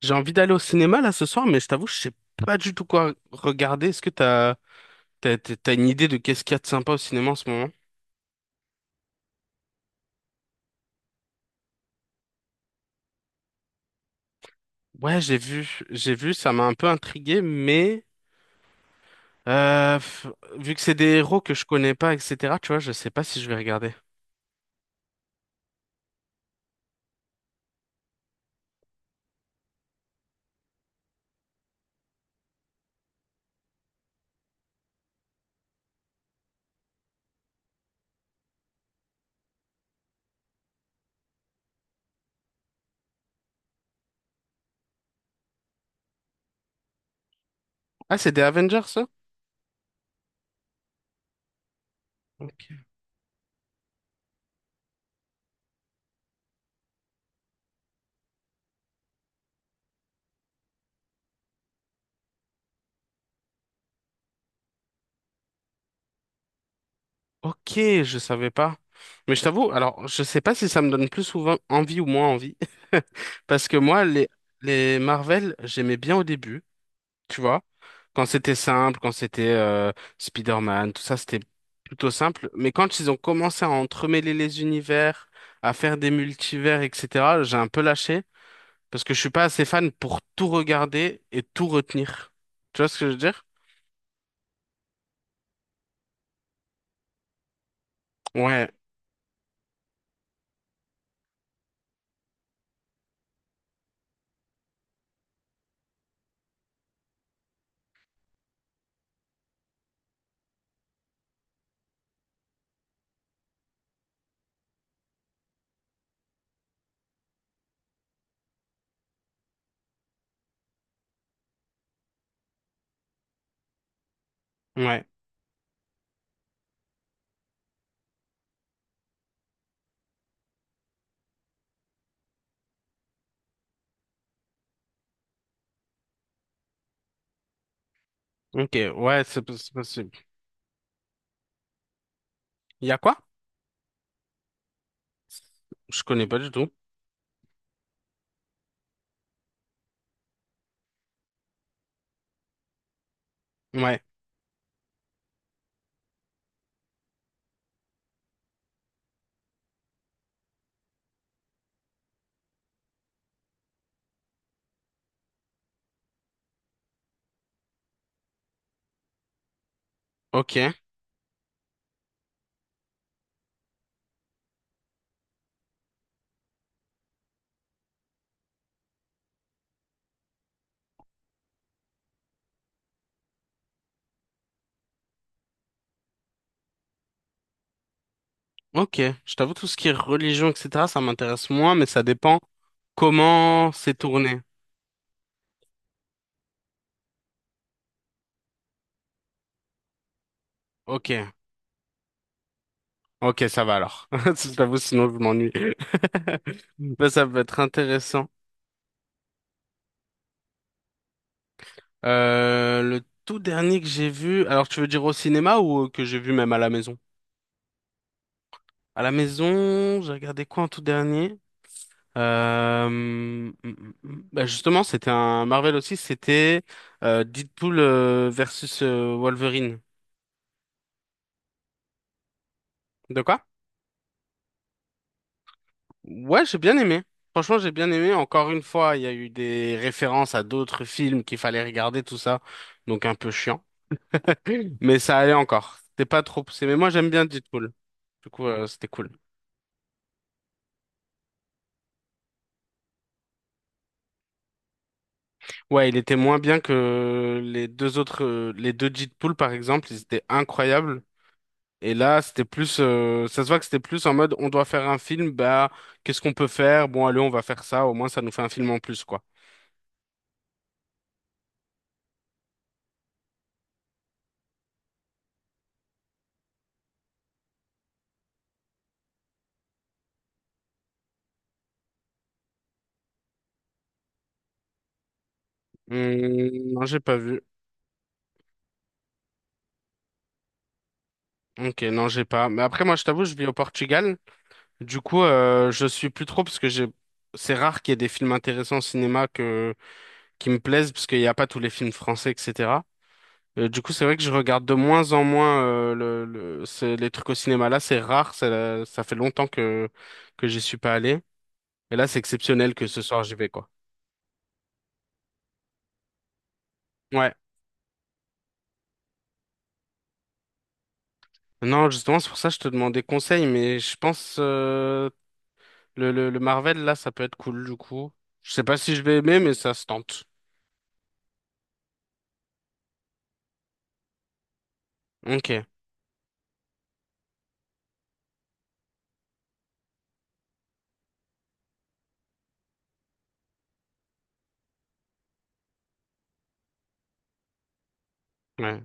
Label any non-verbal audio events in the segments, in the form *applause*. J'ai envie d'aller au cinéma là ce soir, mais je t'avoue, je sais pas du tout quoi regarder. Est-ce que t'as une idée de qu'est-ce qu'il y a de sympa au cinéma en ce moment? Ouais, j'ai vu, ça m'a un peu intrigué, mais euh, pff, vu que c'est des héros que je connais pas, etc., tu vois, je sais pas si je vais regarder. Ah, c'est des Avengers, ça? Ok, Ok, je savais pas. Mais je t'avoue, alors, je sais pas si ça me donne plus souvent envie ou moins envie, *laughs* parce que les Marvel, j'aimais bien au début. Tu vois. Quand c'était simple, quand c'était Spider-Man, tout ça, c'était plutôt simple. Mais quand ils ont commencé à entremêler les univers, à faire des multivers, etc., j'ai un peu lâché parce que je suis pas assez fan pour tout regarder et tout retenir. Tu vois ce que je veux dire? Ouais, ouais, ok, ouais, c'est possible. Il y a quoi? Je connais pas du tout. Ouais, ok, ok. Je t'avoue, tout ce qui est religion, etc., ça m'intéresse moins, mais ça dépend comment c'est tourné. Ok. Ok, ça va alors. *laughs* Je t'avoue, sinon je m'ennuie. *laughs* Ben, ça peut être intéressant. Le tout dernier que j'ai vu, alors tu veux dire au cinéma ou que j'ai vu même à la maison? À la maison, j'ai regardé quoi en tout dernier? Ben, justement, c'était un Marvel aussi, c'était Deadpool versus Wolverine. De quoi? Ouais, j'ai bien aimé. Franchement, j'ai bien aimé. Encore une fois, il y a eu des références à d'autres films qu'il fallait regarder, tout ça. Donc un peu chiant. Mais ça allait encore. C'était pas trop poussé. Mais moi, j'aime bien Deadpool. Du coup, c'était cool. Ouais, il était moins bien que les deux autres, les deux Deadpool, par exemple. Ils étaient incroyables. Et là, c'était plus, ça se voit que c'était plus en mode, on doit faire un film, bah, qu'est-ce qu'on peut faire? Bon, allez, on va faire ça. Au moins, ça nous fait un film en plus, quoi. Non, j'ai pas vu. Ok, non, j'ai pas. Mais après, moi, je t'avoue, je vis au Portugal. Du coup, je suis plus trop parce que j'ai. C'est rare qu'il y ait des films intéressants au cinéma que qui me plaisent parce qu'il n'y a pas tous les films français, etc. Du coup, c'est vrai que je regarde de moins en moins les trucs au cinéma. Là, c'est rare. Ça fait longtemps que j'y suis pas allé. Et là, c'est exceptionnel que ce soir j'y vais, quoi. Ouais. Non, justement, c'est pour ça que je te demandais conseil, mais je pense le Marvel là, ça peut être cool du coup. Je sais pas si je vais aimer, mais ça se tente. Ok. Ouais,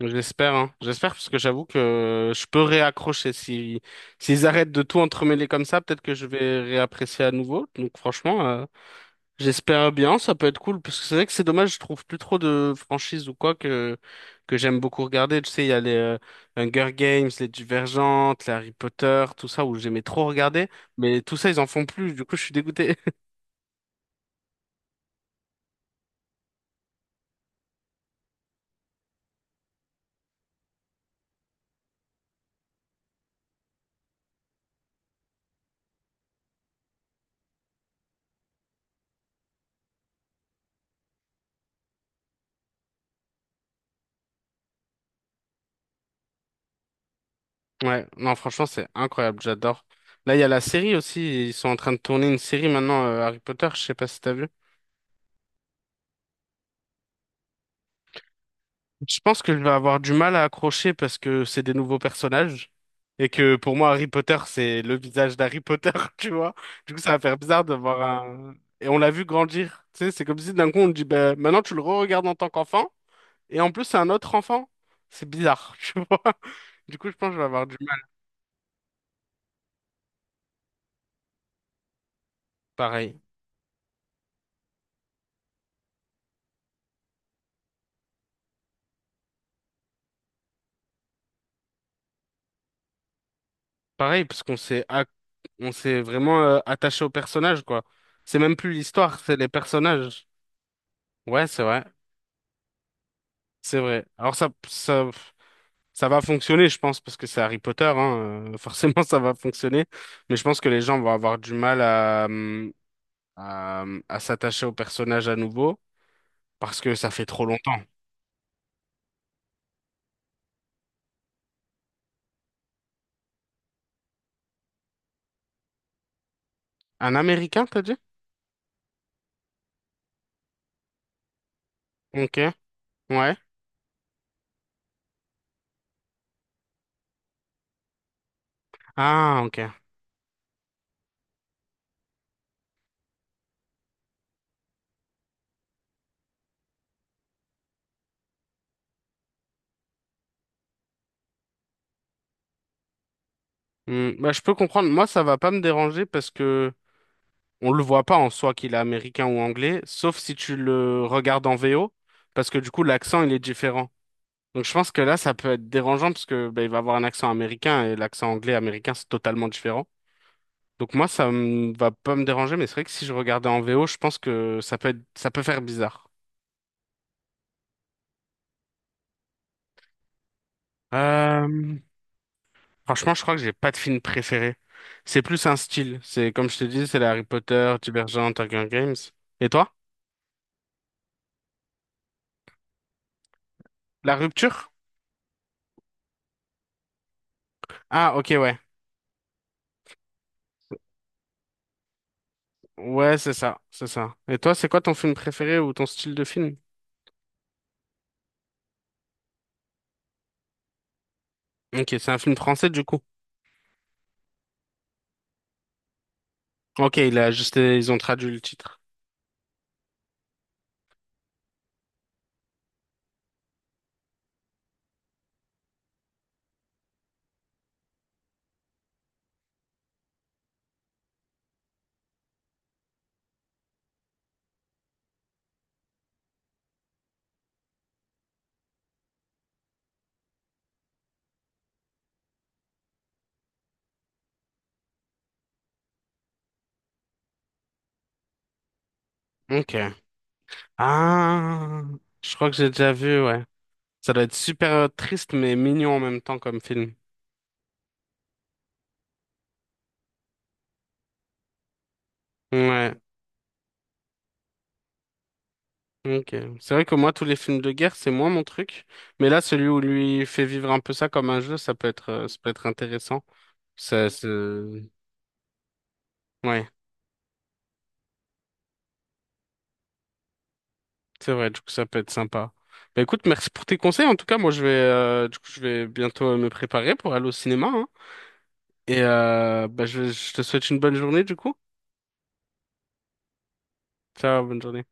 j'espère, hein. J'espère parce que j'avoue que je peux réaccrocher. Si S'ils arrêtent de tout entremêler comme ça, peut-être que je vais réapprécier à nouveau. Donc franchement, j'espère bien, ça peut être cool parce que c'est vrai que c'est dommage, je trouve plus trop de franchises ou quoi que j'aime beaucoup regarder. Tu sais, il y a les Hunger Games, les Divergentes, les Harry Potter, tout ça où j'aimais trop regarder, mais tout ça ils en font plus. Du coup, je suis dégoûté. Ouais, non, franchement, c'est incroyable, j'adore. Là, il y a la série aussi, ils sont en train de tourner une série maintenant, Harry Potter, je sais pas si t'as vu. Je pense que je vais avoir du mal à accrocher parce que c'est des nouveaux personnages et que pour moi, Harry Potter, c'est le visage d'Harry Potter, *laughs* tu vois. Du coup, ça va faire bizarre de voir un... Et on l'a vu grandir, tu sais, c'est comme si d'un coup, on te dit, bah, maintenant, tu le re-regardes en tant qu'enfant et en plus, c'est un autre enfant. C'est bizarre, *laughs* tu vois. Du coup, je pense que je vais avoir du mal, pareil. Pareil, parce qu'on s'est vraiment attaché aux personnages, quoi. C'est même plus l'histoire, c'est les personnages. Ouais, c'est vrai. Ça va fonctionner, je pense, parce que c'est Harry Potter, hein, *laughs* forcément, ça va fonctionner. Mais je pense que les gens vont avoir du mal à s'attacher aux personnages à nouveau, parce que ça fait trop longtemps. Un Américain, t'as dit? Ok, ouais. Ah, ok. Bah, je peux comprendre. Moi, ça va pas me déranger parce que on le voit pas en soi qu'il est américain ou anglais, sauf si tu le regardes en VO, parce que du coup l'accent il est différent. Donc je pense que là ça peut être dérangeant parce que bah il va avoir un accent américain et l'accent anglais américain c'est totalement différent. Donc moi ça me va pas me déranger, mais c'est vrai que si je regardais en VO, je pense que ça peut être, ça peut faire bizarre. Euh, Franchement, je crois que j'ai pas de film préféré. C'est plus un style. C'est comme je te dis, c'est les Harry Potter, Divergent, Hunger Games. Et toi? La rupture? Ah ok ouais. Ouais, c'est ça. Et toi, c'est quoi ton film préféré ou ton style de film? Ok, c'est un film français du coup. Ok, il a juste, ils ont traduit le titre. Ok. Ah, je crois que j'ai déjà vu, ouais. Ça doit être super triste mais mignon en même temps comme film. Ouais, ok. C'est vrai que moi, tous les films de guerre, c'est moins mon truc. Mais là, celui où lui fait vivre un peu ça comme un jeu, ça peut être intéressant. Ça, c'est... Ouais. C'est vrai, du coup, ça peut être sympa. Bah écoute, merci pour tes conseils. En tout cas, moi, je vais, du coup, je vais bientôt me préparer pour aller au cinéma, hein. Et bah, je te souhaite une bonne journée, du coup. Ciao, bonne journée.